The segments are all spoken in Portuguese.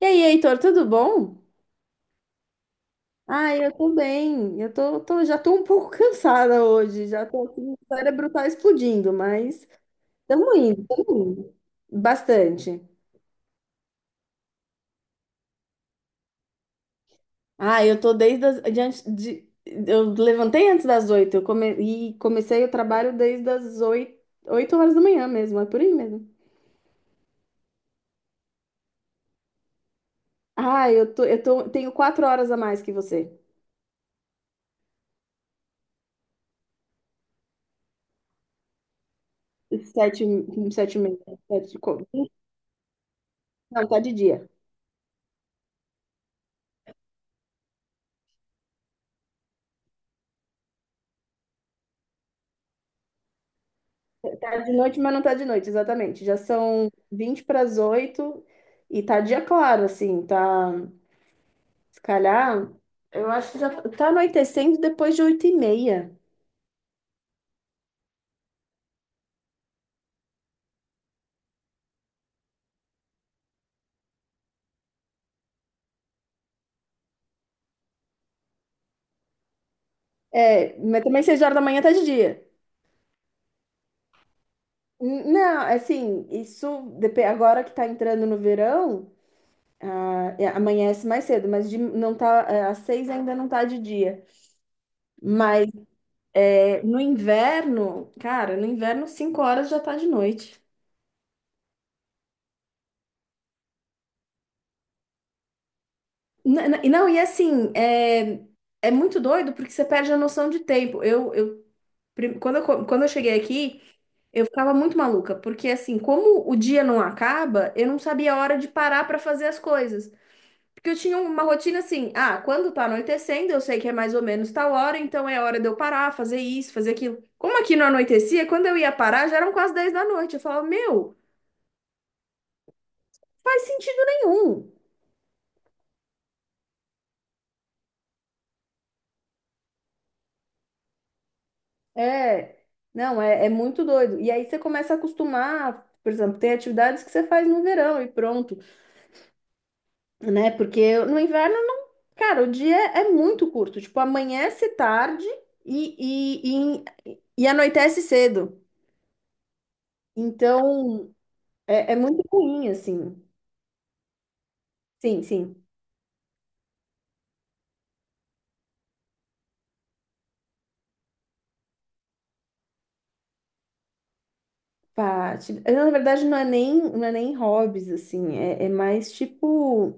E aí, Heitor, tudo bom? Ah, eu tô bem. Já tô um pouco cansada hoje. Já tô aqui, o cérebro tá explodindo, mas estamos indo, estamos indo. Bastante. Ah, eu tô desde as, de, antes- de- eu levantei antes das 8, e comecei o trabalho desde as 8, 8 horas da manhã mesmo, é por aí mesmo. Ah, tenho 4 horas a mais que você. Sete, Sete e meia. Sete, co- não, tá de dia. Tá de noite, mas não tá de noite, exatamente. Já são 20 para as 8 e tá dia claro, assim, tá. Se calhar, eu acho que já tá anoitecendo depois de 8 e meia. É, mas também 6 horas da manhã tá de dia. Não, assim, agora que tá entrando no verão, ah, é, amanhece mais cedo, não tá, é, às 6 ainda não tá de dia. Mas é, no inverno, cara, no inverno 5 horas já tá de noite. Não, e assim, é muito doido porque você perde a noção de tempo. Quando quando eu cheguei aqui, eu ficava muito maluca, porque assim, como o dia não acaba, eu não sabia a hora de parar para fazer as coisas. Porque eu tinha uma rotina assim, ah, quando tá anoitecendo, eu sei que é mais ou menos tal hora, então é hora de eu parar, fazer isso, fazer aquilo. Como aqui não anoitecia, quando eu ia parar, já eram quase 10 da noite. Eu falava, meu, faz sentido nenhum. É, não, é muito doido. E aí você começa a acostumar, por exemplo, tem atividades que você faz no verão e pronto, né? Porque no inverno não. Cara, o dia é muito curto. Tipo, amanhece tarde e, e, e, e anoitece cedo. Então, é muito ruim, assim. Sim, sim. Pá, na verdade, não é nem hobbies, assim. É, é mais tipo.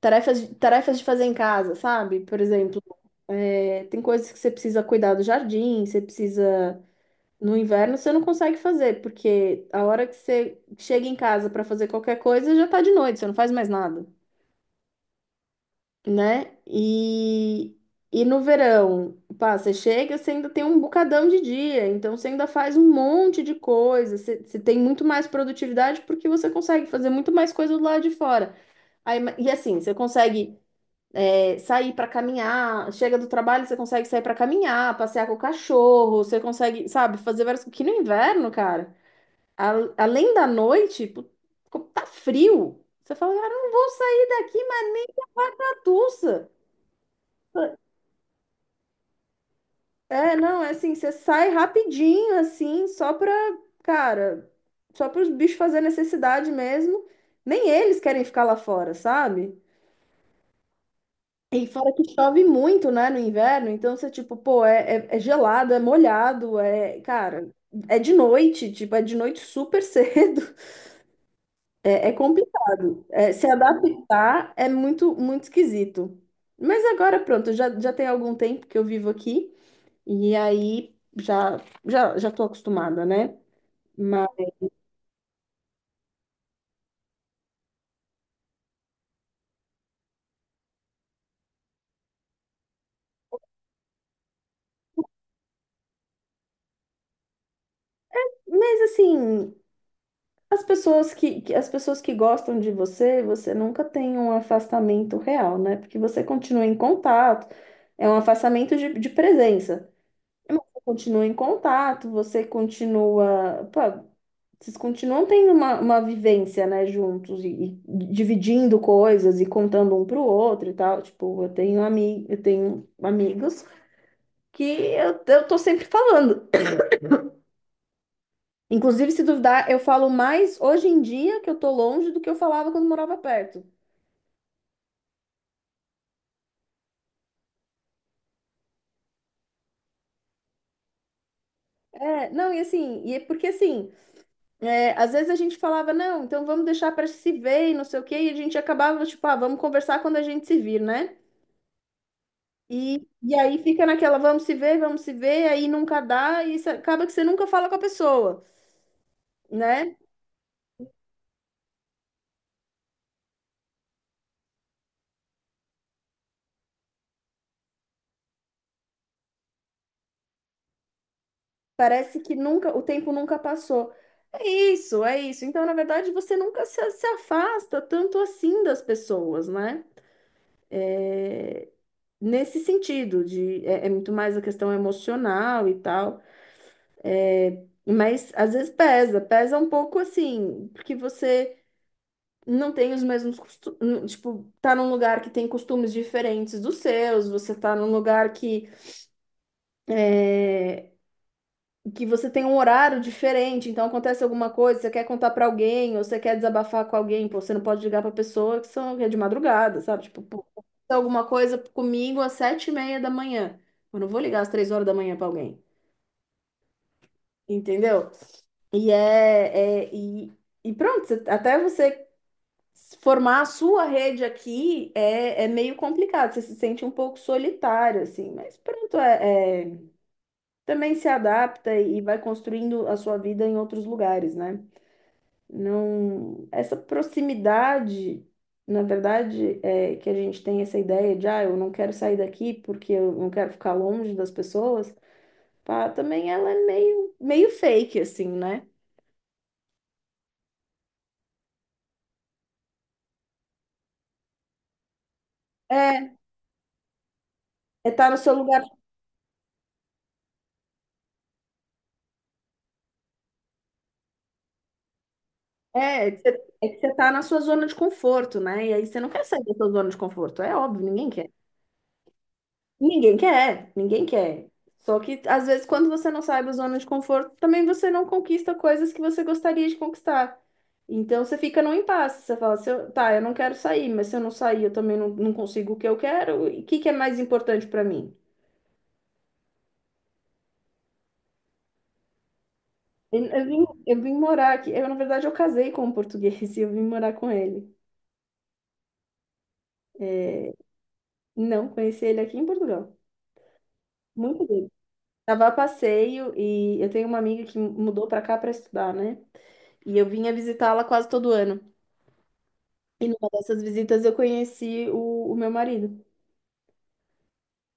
Tarefas, tarefas de fazer em casa, sabe? Por exemplo, tem coisas que você precisa cuidar do jardim, você precisa. No inverno você não consegue fazer, porque a hora que você chega em casa para fazer qualquer coisa já tá de noite, você não faz mais nada, né? E no verão, pá, você chega, você ainda tem um bocadão de dia, então você ainda faz um monte de coisa, você tem muito mais produtividade porque você consegue fazer muito mais coisa do lado de fora. Aí, e assim, você consegue. É, sair para caminhar, chega do trabalho, você consegue sair para caminhar, passear com o cachorro, você consegue, sabe, fazer várias coisas. Que no inverno, cara, além da noite, tá frio. Você fala, cara, eu não vou sair daqui, Matussa. É, não, é assim, você sai rapidinho, assim, só pra, cara, só para os bichos fazer necessidade mesmo. Nem eles querem ficar lá fora, sabe? E fora que chove muito, né, no inverno, então você, tipo, pô, é gelado, é molhado, cara, é de noite, tipo, é de noite super cedo, é complicado. É, se adaptar é muito, muito esquisito. Mas agora, pronto, já tem algum tempo que eu vivo aqui, e aí já tô acostumada, né? Mas, mas assim. As pessoas que gostam de você, você nunca tem um afastamento real, né? Porque você continua em contato, é um afastamento de, presença. Mas você continua em contato, você continua. Pô, vocês continuam tendo uma vivência, né, juntos e dividindo coisas e contando um pro outro e tal. Tipo, eu tenho amigos que eu tô sempre falando. Inclusive, se duvidar, eu falo mais hoje em dia que eu tô longe do que eu falava quando morava perto. É, não, e assim, e é porque assim, às vezes a gente falava, não, então vamos deixar para se ver e não sei o quê, e a gente acabava, tipo, ah, vamos conversar quando a gente se vir, né? E aí fica naquela, vamos se ver, aí nunca dá, e isso acaba que você nunca fala com a pessoa, né? Parece que nunca, o tempo nunca passou. É isso, é isso. Então, na verdade, você nunca se afasta tanto assim das pessoas, né? é, Nesse sentido, é muito mais a questão emocional e tal. Mas às vezes pesa, pesa um pouco assim, porque você não tem os mesmos costumes, tipo, tá num lugar que tem costumes diferentes dos seus, você tá num lugar que você tem um horário diferente, então acontece alguma coisa, você quer contar pra alguém, ou você quer desabafar com alguém, pô, você não pode ligar pra pessoa que é de madrugada, sabe? Tipo, pô, aconteceu alguma coisa comigo às 7h30 da manhã. Eu não vou ligar às 3 horas da manhã pra alguém, entendeu? E é, é- e, e pronto, até você formar a sua rede aqui é meio complicado, você se sente um pouco solitário, assim, mas pronto, também se adapta e vai construindo a sua vida em outros lugares, né? Não, essa proximidade, na verdade, é que a gente tem essa ideia de, ah, eu não quero sair daqui porque eu não quero ficar longe das pessoas, pá, também ela é meio, meio fake, assim, né? É, tá no seu lugar, é que você tá na sua zona de conforto, né? E aí você não quer sair da sua zona de conforto, é óbvio, ninguém quer. Ninguém quer, ninguém quer. Só que às vezes, quando você não sai da zona de conforto, também você não conquista coisas que você gostaria de conquistar. Então você fica num impasse, você fala, se eu, tá, eu não quero sair, mas se eu não sair, eu também não consigo o que eu quero. E o que que é mais importante para mim? Eu vim morar aqui. Na verdade, eu casei com um português e eu vim morar com ele. É, não, conheci ele aqui em Portugal. Muito Tava a passeio e eu tenho uma amiga que mudou pra cá pra estudar, né? E eu vinha visitá-la quase todo ano. E numa dessas visitas eu conheci o meu marido.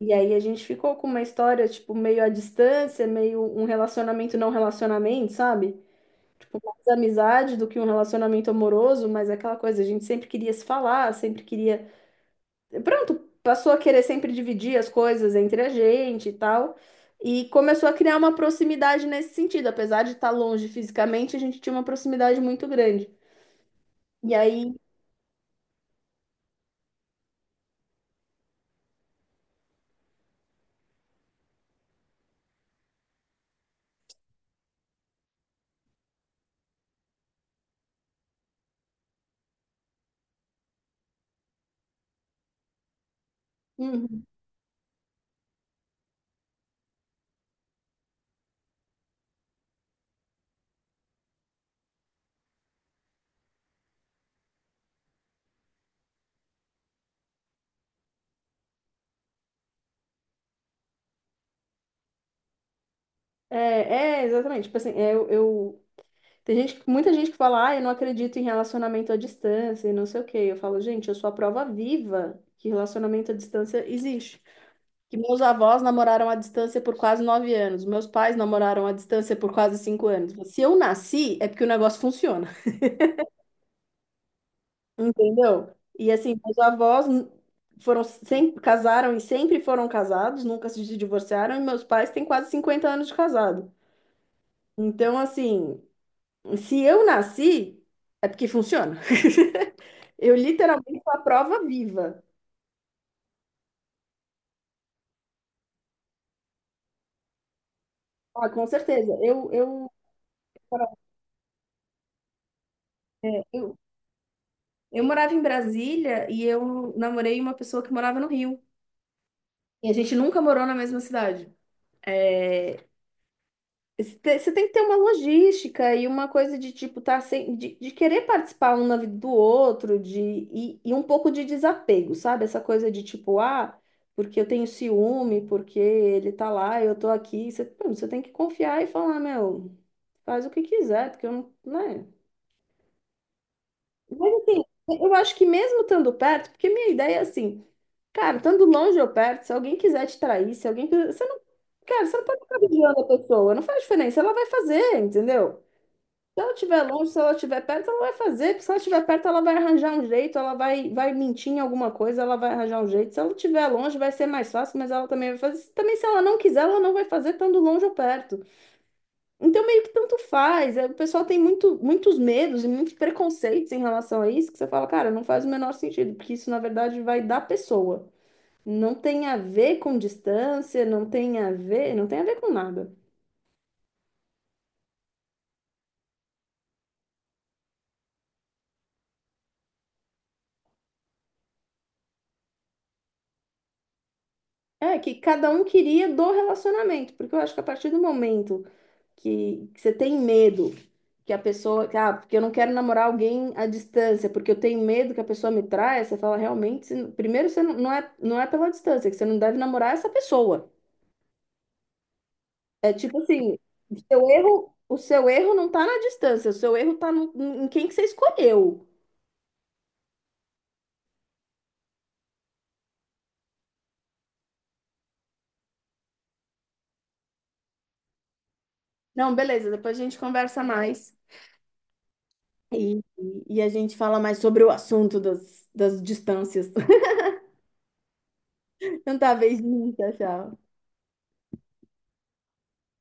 E aí a gente ficou com uma história, tipo, meio à distância, meio um relacionamento não relacionamento, sabe? Tipo, mais amizade do que um relacionamento amoroso, mas é aquela coisa, a gente sempre queria se falar, pronto, passou a querer sempre dividir as coisas entre a gente e tal. E começou a criar uma proximidade nesse sentido. Apesar de estar longe fisicamente, a gente tinha uma proximidade muito grande. E aí. Uhum. É, exatamente. Tipo assim. Tem gente, muita gente que fala, ah, eu não acredito em relacionamento à distância e não sei o quê. Eu falo, gente, eu sou a prova viva que relacionamento à distância existe. Que meus avós namoraram à distância por quase 9 anos. Meus pais namoraram à distância por quase 5 anos. Se eu nasci, é porque o negócio funciona, entendeu? E assim, foram sempre casaram e sempre foram casados, nunca se divorciaram, e meus pais têm quase 50 anos de casado. Então, assim, se eu nasci, é porque funciona. Eu literalmente sou a prova viva. Ah, com certeza. É, eu, eu morava em Brasília e eu namorei uma pessoa que morava no Rio. E a gente nunca morou na mesma cidade. É, você tem que ter uma logística e uma coisa de tipo tá sem, de querer participar um na vida do outro, e um pouco de desapego, sabe? Essa coisa de tipo, ah, porque eu tenho ciúme, porque ele tá lá, eu tô aqui. Você, pô, você tem que confiar e falar, meu, faz o que quiser, porque eu não, né? Mas assim, eu acho que mesmo estando perto, porque minha ideia é assim. Cara, tanto longe ou perto, se alguém quiser te trair, se alguém. Quiser- você não. Cara, você não pode ficar vigiando a pessoa. Não faz diferença. Ela vai fazer, entendeu? Se ela estiver longe, se ela estiver perto, ela vai fazer. Porque se ela estiver perto, ela vai arranjar um jeito, ela vai mentir em alguma coisa, ela vai arranjar um jeito. Se ela estiver longe, vai ser mais fácil, mas ela também vai fazer. Também, se ela não quiser, ela não vai fazer tanto longe ou perto. Então, meio que tanto faz. É, o pessoal tem muitos medos e muitos preconceitos em relação a isso, que você fala, cara, não faz o menor sentido, porque isso, na verdade, vai da pessoa. Não tem a ver com distância, não tem a ver, não tem a ver com nada. É que cada um queria do relacionamento, porque eu acho que a partir do momento que você tem medo que a pessoa, que, ah, porque eu não quero namorar alguém à distância, porque eu tenho medo que a pessoa me traia, você fala realmente, primeiro você não é, pela distância, que você não deve namorar essa pessoa. É tipo assim, o seu erro não tá na distância, o seu erro em quem que você escolheu. Não, beleza, depois a gente conversa mais. E, e a gente fala mais sobre o assunto das distâncias. Não tá a vez de mim, tchau, tchau.